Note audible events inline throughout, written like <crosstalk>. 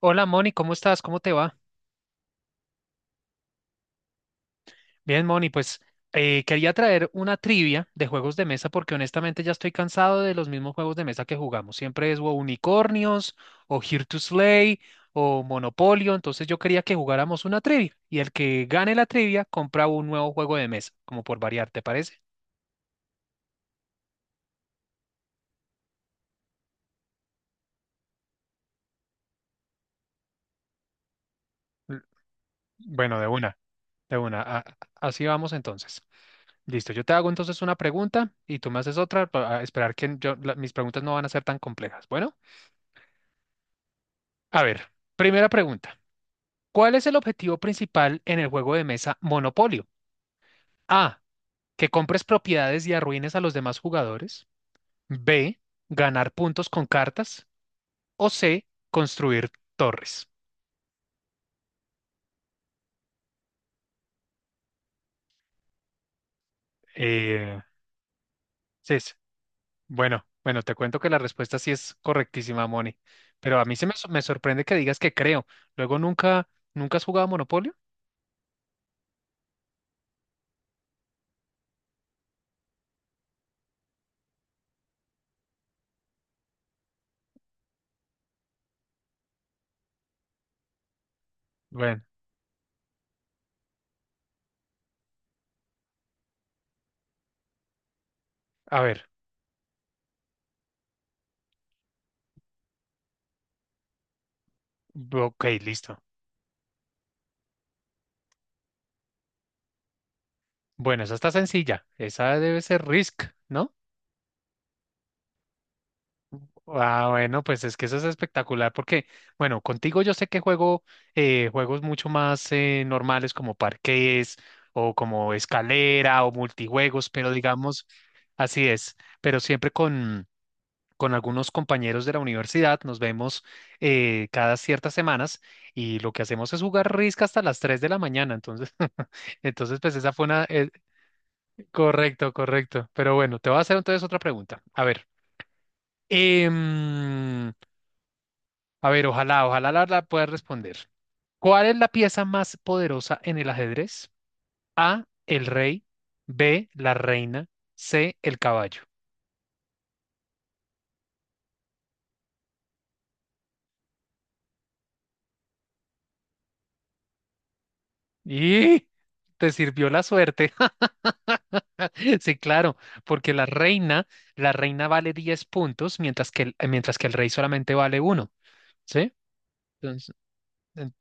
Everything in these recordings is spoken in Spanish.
Hola Moni, ¿cómo estás? ¿Cómo te va? Bien, Moni, pues quería traer una trivia de juegos de mesa porque honestamente ya estoy cansado de los mismos juegos de mesa que jugamos. Siempre es o Unicornios o Here to Slay o Monopolio. Entonces yo quería que jugáramos una trivia y el que gane la trivia compra un nuevo juego de mesa, como por variar, ¿te parece? L- Bueno, de una. Así vamos entonces. Listo, yo te hago entonces una pregunta y tú me haces otra para esperar que yo, mis preguntas no van a ser tan complejas. Bueno. A ver, primera pregunta. ¿Cuál es el objetivo principal en el juego de mesa Monopolio? A, que compres propiedades y arruines a los demás jugadores. B, ganar puntos con cartas. O C, construir torres. Eh, sí, sí. Bueno, bueno, te cuento que la respuesta sí es correctísima, Moni. Pero a mí me sorprende que digas que creo. Luego nunca has jugado Monopolio. Bueno, a ver. Ok, listo. Bueno, esa está sencilla. Esa debe ser Risk, ¿no? Ah, bueno, pues es que eso es espectacular porque, bueno, contigo yo sé que juego juegos mucho más normales como parqués o como escalera o multijuegos, pero digamos, así es, pero con algunos compañeros de la universidad nos vemos cada ciertas semanas y lo que hacemos es jugar risca hasta las 3 de la mañana, entonces, <laughs> entonces pues esa fue una, correcto, correcto, pero bueno, te voy a hacer entonces otra pregunta. A ver. em, A ver, ojalá la verdad puedas responder. ¿Cuál es la pieza más poderosa en el ajedrez? A, el rey, B, la reina, C, el caballo. Y te sirvió la suerte. <laughs> Sí, claro, porque la reina, la reina vale 10 puntos, mientras que mientras que el rey solamente vale uno, ¿sí? Entonces, en-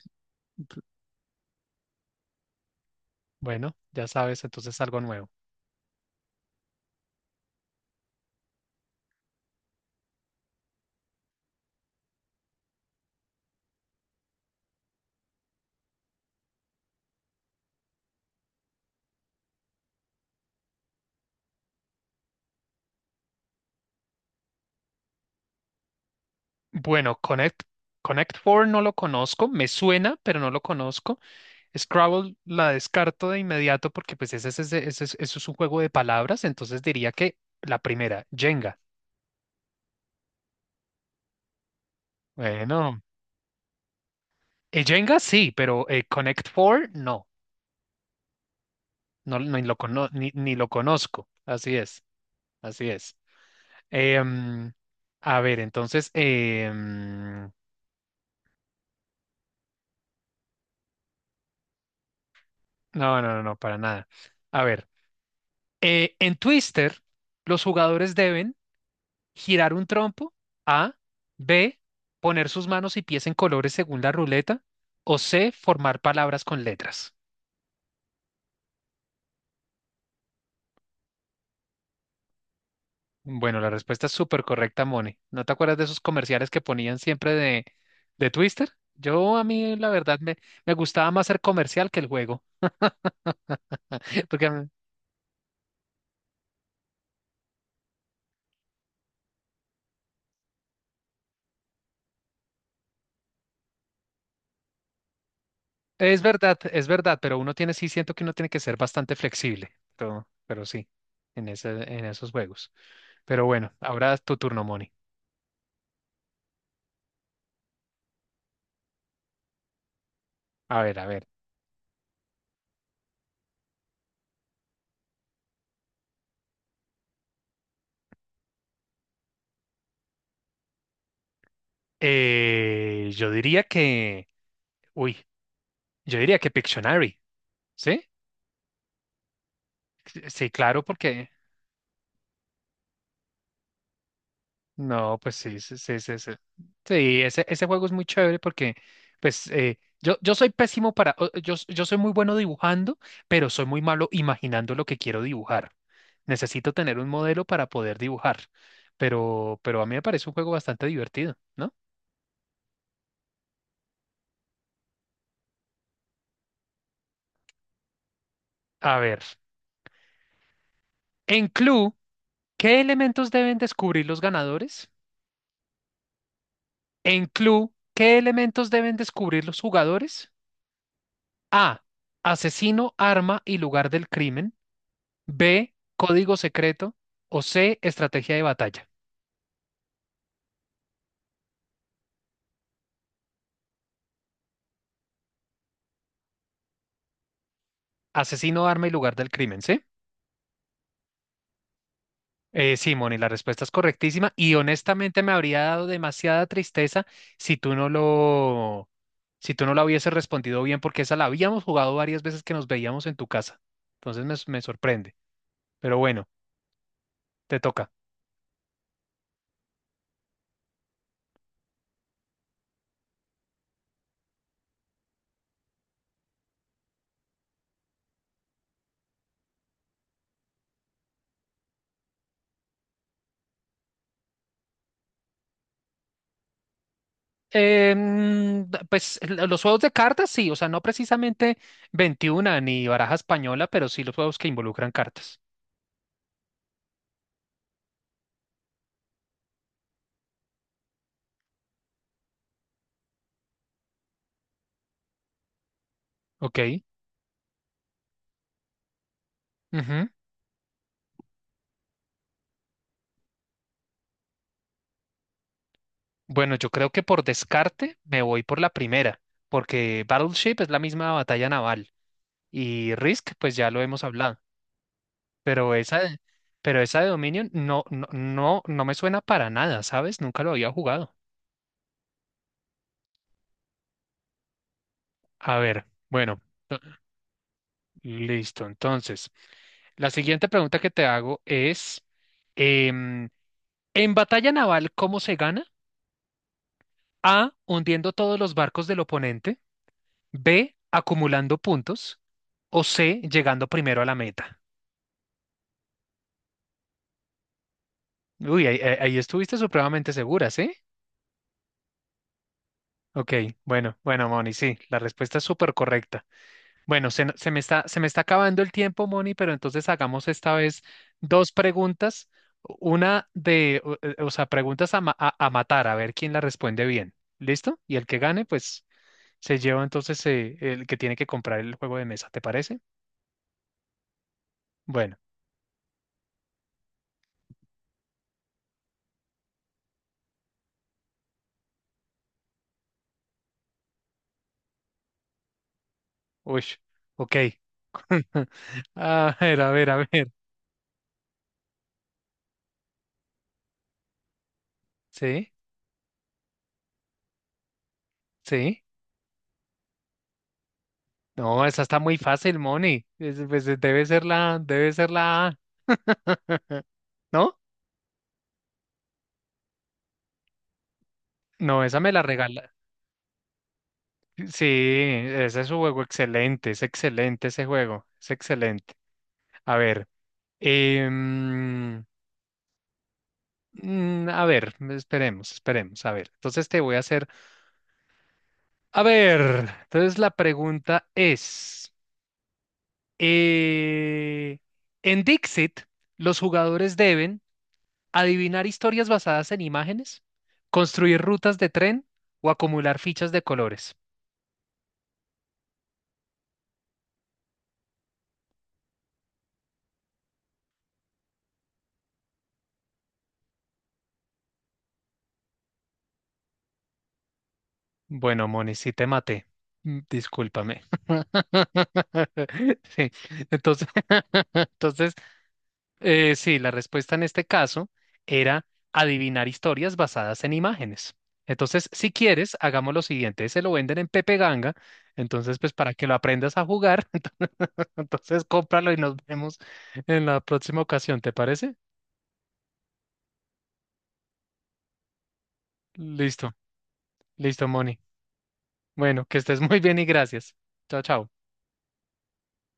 bueno, ya sabes, entonces algo nuevo. Bueno, Connect Four no lo conozco, me suena, pero no lo conozco. Scrabble la descarto de inmediato porque pues ese, es- ese- ese es- eso es un juego de palabras, entonces diría que la primera, Jenga. Bueno, Jenga sí, pero Connect Four no, ni lo conozco. Así es, así es. Em, a ver, no, no, no, no, para nada. A ver, en Twister los jugadores deben girar un trompo, A, B, poner sus manos y pies en colores según la ruleta, o C, formar palabras con letras. Bueno, la respuesta es súper correcta, Mone. ¿No te acuerdas de esos comerciales que ponían de Twister? La verdad, me gustaba más ser comercial que el juego, <laughs> porque a mí- es verdad, sí siento que uno tiene que ser bastante flexible, pero sí, en esos juegos. Pero bueno, ahora es tu turno, Moni. A ver, a ver. Eh, yo diría que, uy, yo diría que Pictionary, ¿sí? Sí, claro, porque, no, pues sí, sí, sí, sí, sí. Sí, ese juego es muy chévere porque, pues, yo soy pésimo para, o- yo, s- yo soy muy bueno dibujando, pero soy muy malo imaginando lo que quiero dibujar. Necesito tener un modelo para poder dibujar, pero a mí me parece un juego bastante divertido, ¿no? A ver, en Clue, ¿qué elementos deben descubrir los ganadores? En Clue, ¿qué elementos deben descubrir los jugadores? A. Asesino, arma y lugar del crimen. B. Código secreto. O C. Estrategia de batalla. Asesino, arma y lugar del crimen, ¿sí? Sí, Moni, la respuesta es correctísima y honestamente me habría dado demasiada tristeza si tú no lo, si tú no la hubieses respondido bien porque esa la habíamos jugado varias veces que nos veíamos en tu casa. Entonces me sorprende. Pero bueno, te toca. Pues los juegos de cartas, sí, o sea, no precisamente 21 ni baraja española, pero sí los juegos que involucran cartas. Ok. Ujú. Bueno, yo creo que por descarte me voy por la primera, porque Battleship es la misma batalla naval y Risk, pues ya lo hemos hablado, pero esa, de- pero esa de Dominion no, no, no, no me suena para nada, ¿sabes? Nunca lo había jugado. A ver, bueno, listo. Entonces, la siguiente pregunta que te hago es... em, En batalla naval, ¿cómo se gana? A, hundiendo todos los barcos del oponente. B, acumulando puntos. O C, llegando primero a la meta. Uy, ahí estuviste supremamente segura, ¿sí? Ok, bueno, bueno, Moni, sí, la respuesta es súper correcta. Bueno, se, no- se me está acabando el tiempo, Moni, pero entonces hagamos esta vez dos preguntas. Una de, o, o sea, preguntas a matar, a ver quién la responde bien. ¿Listo? Y el que gane, pues se lleva entonces el que tiene que comprar el juego de mesa, ¿te parece? Bueno, uy, ok. <laughs> A ver, a ver, a ver. Sí, sí. No, esa está muy fácil, Moni. Pues, debe ser la A, ¿no? No, esa me la regala. Sí, ese es un juego excelente, es excelente ese juego, es excelente. A ver, em, mm, a ver, esperemos, esperemos, a ver. Entonces te voy a hacer, a ver, entonces la pregunta es... Eh, en Dixit, los jugadores deben adivinar historias basadas en imágenes, construir rutas de tren o acumular fichas de colores. Bueno, Moni, sí te maté. Mm, discúlpame. <laughs> Sí, entonces, <laughs> entonces sí, la respuesta en este caso era adivinar historias basadas en imágenes. Entonces, si quieres, hagamos lo siguiente. Se lo venden en Pepe Ganga. Entonces, pues para que lo aprendas a jugar, entonces, cómpralo y nos vemos en la próxima ocasión, ¿te parece? Listo, listo, Moni. Bueno, que estés <laughs> muy bien y gracias. Chao, chao.